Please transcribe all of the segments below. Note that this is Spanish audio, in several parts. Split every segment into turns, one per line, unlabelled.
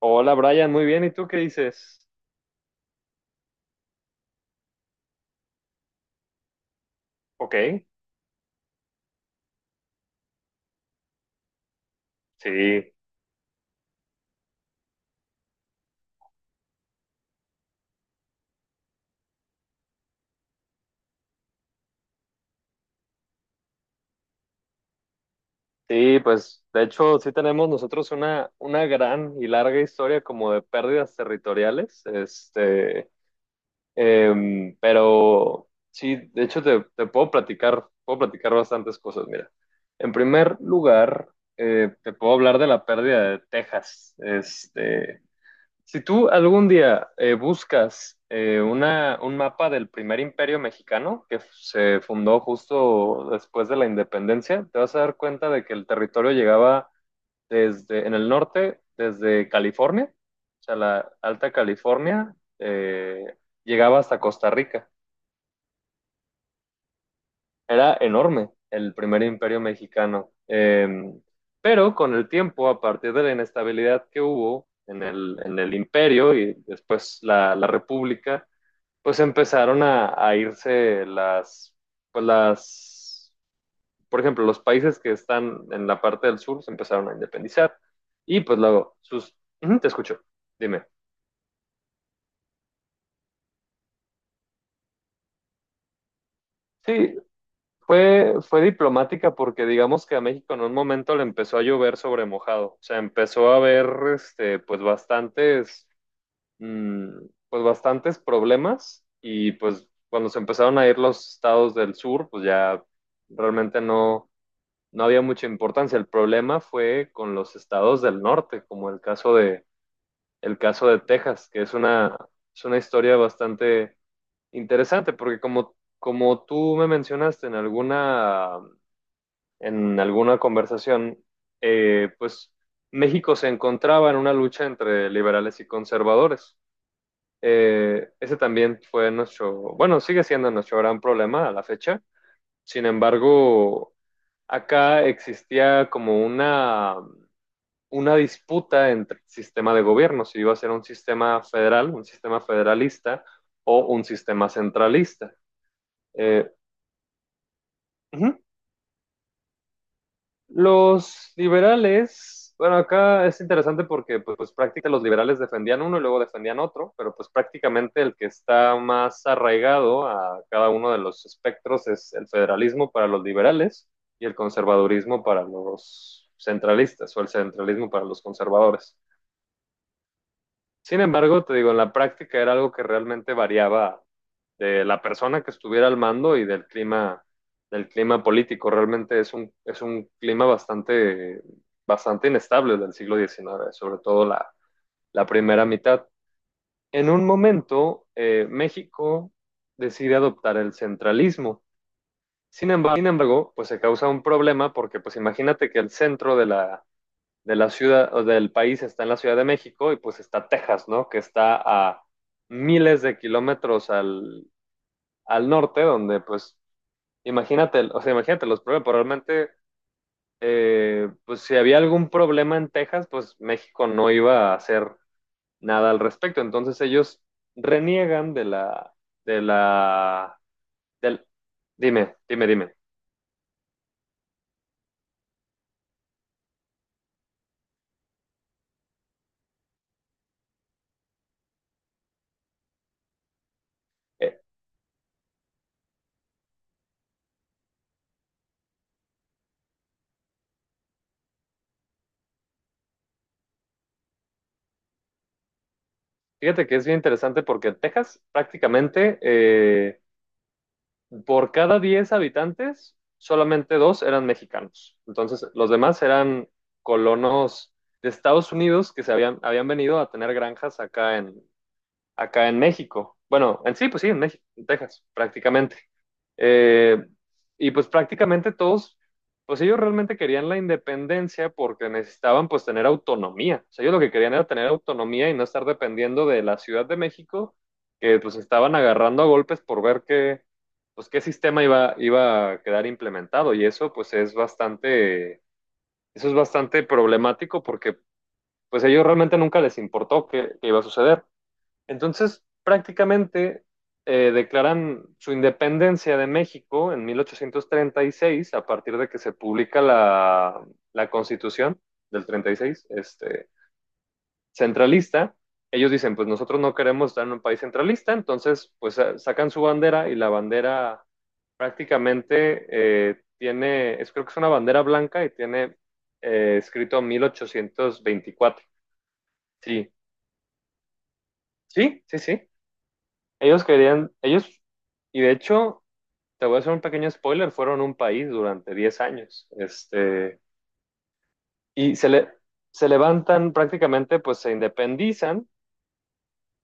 Hola Brian, muy bien. ¿Y tú qué dices? Ok, sí, sí, pues de hecho sí tenemos nosotros una gran y larga historia como de pérdidas territoriales, pero sí, de hecho te puedo platicar bastantes cosas. Mira, en primer lugar, te puedo hablar de la pérdida de Texas. Si tú algún día buscas un mapa del primer imperio mexicano que se fundó justo después de la independencia, te vas a dar cuenta de que el territorio llegaba desde en el norte, desde California, o sea, la Alta California, llegaba hasta Costa Rica. Era enorme el primer imperio mexicano. Pero con el tiempo, a partir de la inestabilidad que hubo en el imperio y después la república, pues empezaron a irse pues las, por ejemplo, los países que están en la parte del sur se empezaron a independizar y pues luego sus... Ujú, te escucho, dime. Sí, fue diplomática porque digamos que a México en un momento le empezó a llover sobre mojado, o sea, empezó a haber, este, pues bastantes, mm, pues bastantes problemas, y pues cuando se empezaron a ir los estados del sur, pues ya realmente no había mucha importancia. El problema fue con los estados del norte, como el caso de, Texas, que es una historia bastante interesante, porque como tú me mencionaste en en alguna conversación, pues México se encontraba en una lucha entre liberales y conservadores. Ese también fue nuestro, bueno, sigue siendo nuestro gran problema a la fecha. Sin embargo, acá existía como una disputa entre el sistema de gobierno, si iba a ser un sistema federal, un sistema federalista o un sistema centralista. Eh, ujú. Los liberales, bueno, acá es interesante porque prácticamente los liberales defendían uno y luego defendían otro, pero pues prácticamente el que está más arraigado a cada uno de los espectros es el federalismo para los liberales y el conservadurismo para los centralistas o el centralismo para los conservadores. Sin embargo, te digo, en la práctica era algo que realmente variaba de la persona que estuviera al mando y del clima, político. Realmente es un clima bastante, bastante inestable del siglo XIX, sobre todo la primera mitad. En un momento, México decide adoptar el centralismo. Sin embargo, pues se causa un problema porque, pues imagínate que el centro de la ciudad o del país está en la Ciudad de México y pues está Texas, ¿no? Que está a miles de kilómetros al norte, donde pues imagínate, o sea, imagínate los problemas, pero realmente, pues si había algún problema en Texas, pues México no iba a hacer nada al respecto. Entonces ellos reniegan de la, del, dime, dime, dime. Eh, fíjate que es bien interesante porque Texas prácticamente. Por cada 10 habitantes, solamente dos eran mexicanos. Entonces, los demás eran colonos de Estados Unidos que habían venido a tener granjas acá en México. Bueno, en sí, pues sí, en México, en Texas, prácticamente. Eh, y pues prácticamente todos, pues ellos realmente querían la independencia porque necesitaban pues tener autonomía. O sea, ellos lo que querían era tener autonomía y no estar dependiendo de la Ciudad de México, que pues estaban agarrando a golpes por ver qué, pues qué sistema iba a quedar implementado. Y eso pues es bastante, eso es bastante problemático porque pues a ellos realmente nunca les importó qué, iba a suceder. Entonces, prácticamente declaran su independencia de México en 1836, a partir de que se publica la Constitución del 36, centralista. Ellos dicen, pues nosotros no queremos estar en un país centralista, entonces pues sacan su bandera y la bandera prácticamente tiene, es, creo que es una bandera blanca y tiene escrito 1824. Sí, sí, sí, sí. Ellos querían, ellos, y de hecho, te voy a hacer un pequeño spoiler, fueron un país durante 10 años, y se levantan prácticamente, pues se independizan,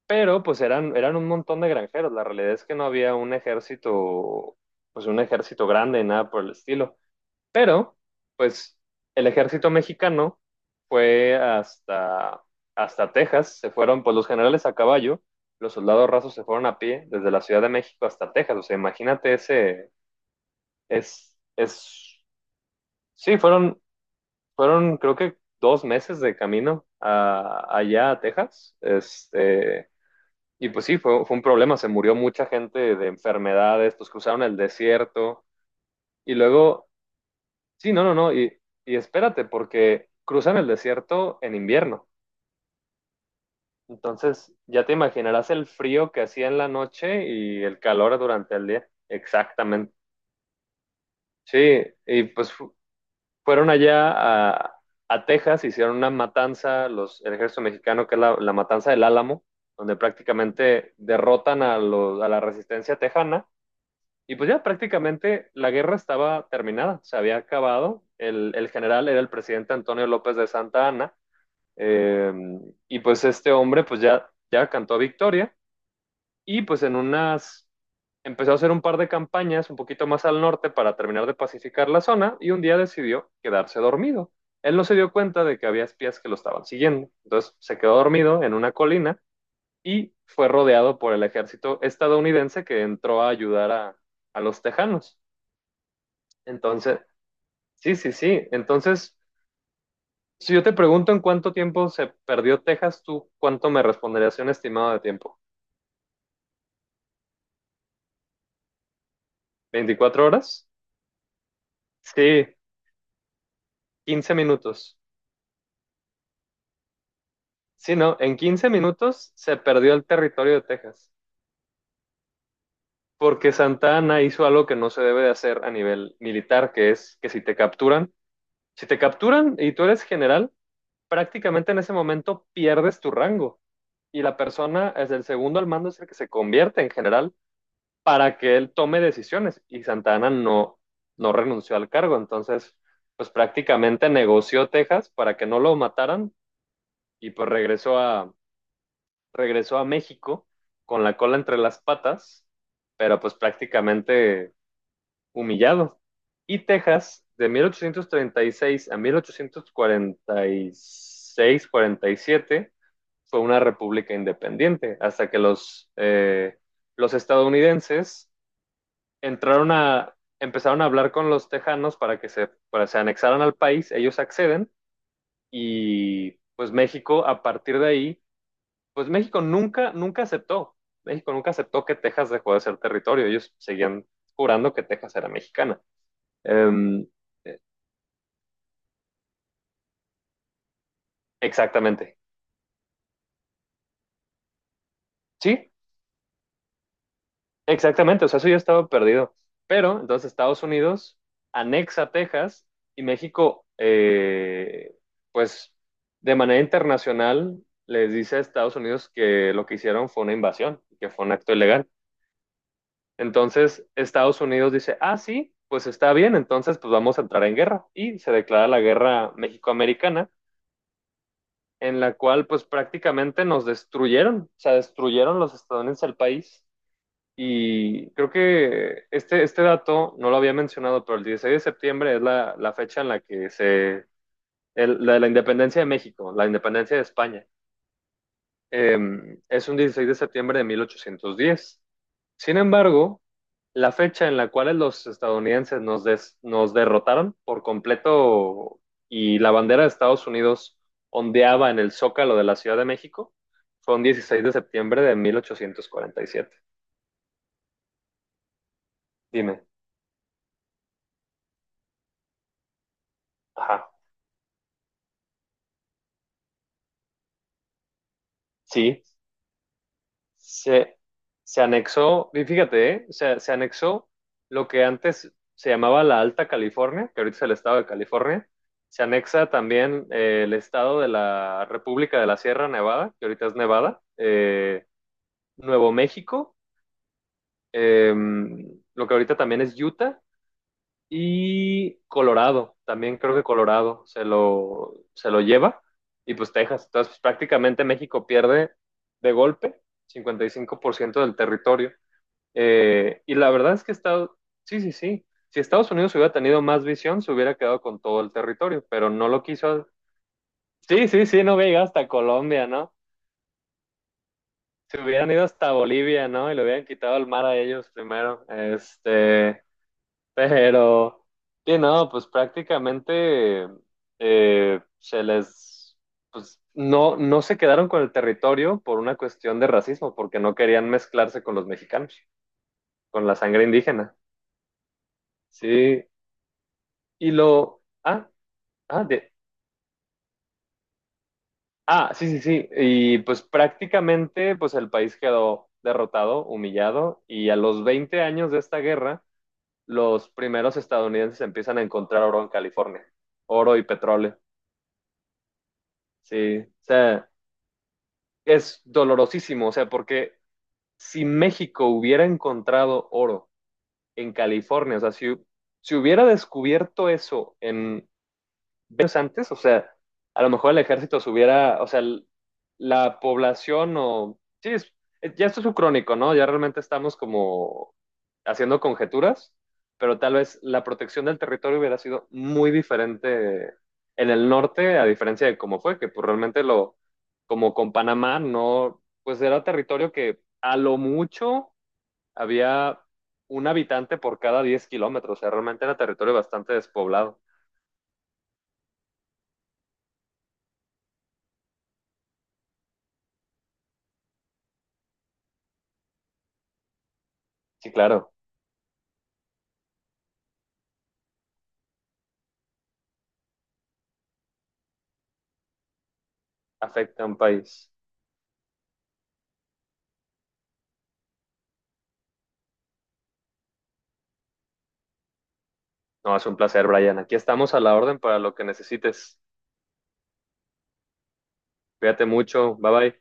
pero pues eran un montón de granjeros, la realidad es que no había un ejército, pues un ejército grande, nada por el estilo. Pero, pues, el ejército mexicano fue hasta Texas, se fueron, pues los generales a caballo, los soldados rasos se fueron a pie desde la Ciudad de México hasta Texas, o sea, imagínate es, es, sí, fueron creo que 2 meses de camino allá a Texas, y pues sí, fue un problema, se murió mucha gente de enfermedades, pues cruzaron el desierto, y luego. Sí, no, no, no. Y, espérate, porque cruzan el desierto en invierno. Entonces, ya te imaginarás el frío que hacía en la noche y el calor durante el día. Exactamente. Sí, y pues fueron allá a, a Texas, hicieron una matanza, los, el ejército mexicano, que es la matanza del Álamo, donde prácticamente derrotan a la resistencia tejana. Y pues ya prácticamente la guerra estaba terminada, se había acabado. El general era el presidente Antonio López de Santa Anna. Eh, y pues este hombre pues ya, cantó victoria y pues en unas empezó a hacer un par de campañas un poquito más al norte para terminar de pacificar la zona y un día decidió quedarse dormido. Él no se dio cuenta de que había espías que lo estaban siguiendo, entonces se quedó dormido en una colina y fue rodeado por el ejército estadounidense que entró a ayudar a los tejanos. Entonces, sí, sí, sí. Entonces, si yo te pregunto en cuánto tiempo se perdió Texas, ¿tú cuánto me responderías un estimado de tiempo? ¿24 horas? Sí. 15 minutos. Sí, no, en 15 minutos se perdió el territorio de Texas, porque Santa Ana hizo algo que no se debe de hacer a nivel militar, que es que si te capturan y tú eres general, prácticamente en ese momento pierdes tu rango y la persona es el segundo al mando es el que se convierte en general para que él tome decisiones y Santana no, no renunció al cargo. Entonces, pues prácticamente negoció Texas para que no lo mataran y pues regresó regresó a México con la cola entre las patas, pero pues prácticamente humillado. Y Texas, de 1836 a 1846-47, fue una república independiente, hasta que los estadounidenses entraron empezaron a hablar con los tejanos para que se, anexaran al país, ellos acceden, y pues México a partir de ahí, pues México nunca, nunca aceptó, que Texas dejó de ser territorio, ellos seguían jurando que Texas era mexicana. Um, exactamente. Sí, exactamente, o sea, eso ya estaba perdido. Pero entonces Estados Unidos anexa Texas y México, pues de manera internacional, les dice a Estados Unidos que lo que hicieron fue una invasión, que fue un acto ilegal. Entonces Estados Unidos dice, ah, sí, pues está bien, entonces pues vamos a entrar en guerra. Y se declara la guerra México-Americana, en la cual pues prácticamente nos destruyeron, o sea, destruyeron los estadounidenses el país, y creo que este dato no lo había mencionado, pero el 16 de septiembre es la fecha en la que se... la de la independencia de México, la independencia de España. Eh, es un 16 de septiembre de 1810. Sin embargo, la fecha en la cual los estadounidenses nos derrotaron por completo y la bandera de Estados Unidos ondeaba en el zócalo de la Ciudad de México fue un 16 de septiembre de 1847. Dime. Ajá. Sí. Se, se anexó, y fíjate, ¿eh? Se anexó lo que antes se llamaba la Alta California, que ahorita es el estado de California. Se anexa también, el estado de la República de la Sierra Nevada, que ahorita es Nevada, Nuevo México, eh, lo que ahorita también es Utah, y Colorado, también creo que Colorado se lo lleva, y pues Texas. Entonces, pues, prácticamente México pierde de golpe 55% del territorio. Y la verdad es que Estados, sí, sí, sí. Si Estados Unidos hubiera tenido más visión, se hubiera quedado con todo el territorio, pero no lo quiso. Sí, sí, sí, no hubiera llegado hasta Colombia, ¿no? Se hubieran ido hasta Bolivia, ¿no? Y le hubieran quitado el mar a ellos primero. Pero, sí, no, pues prácticamente eh, se les, pues no, no se quedaron con el territorio por una cuestión de racismo, porque no querían mezclarse con los mexicanos, con la sangre indígena. Sí, Y lo, ah, ah, de, ah, sí, sí, sí. Y pues prácticamente, pues el país quedó derrotado, humillado, y a los 20 años de esta guerra, los primeros estadounidenses empiezan a encontrar oro en California, oro y petróleo. Sí, o sea, es dolorosísimo, o sea, porque si México hubiera encontrado oro en California, o sea, si hubiera descubierto eso en años antes, o sea, a lo mejor el ejército subiera, o sea, la población o... Sí, ya esto es un crónico, ¿no? Ya realmente estamos como haciendo conjeturas, pero tal vez la protección del territorio hubiera sido muy diferente en el norte, a diferencia de cómo fue, que pues realmente lo, como con Panamá, no, pues era territorio que a lo mucho había un habitante por cada 10 kilómetros, o sea, realmente era territorio bastante despoblado. Sí, claro. Afecta a un país. No, es un placer, Brian. Aquí estamos a la orden para lo que necesites. Cuídate mucho. Bye bye.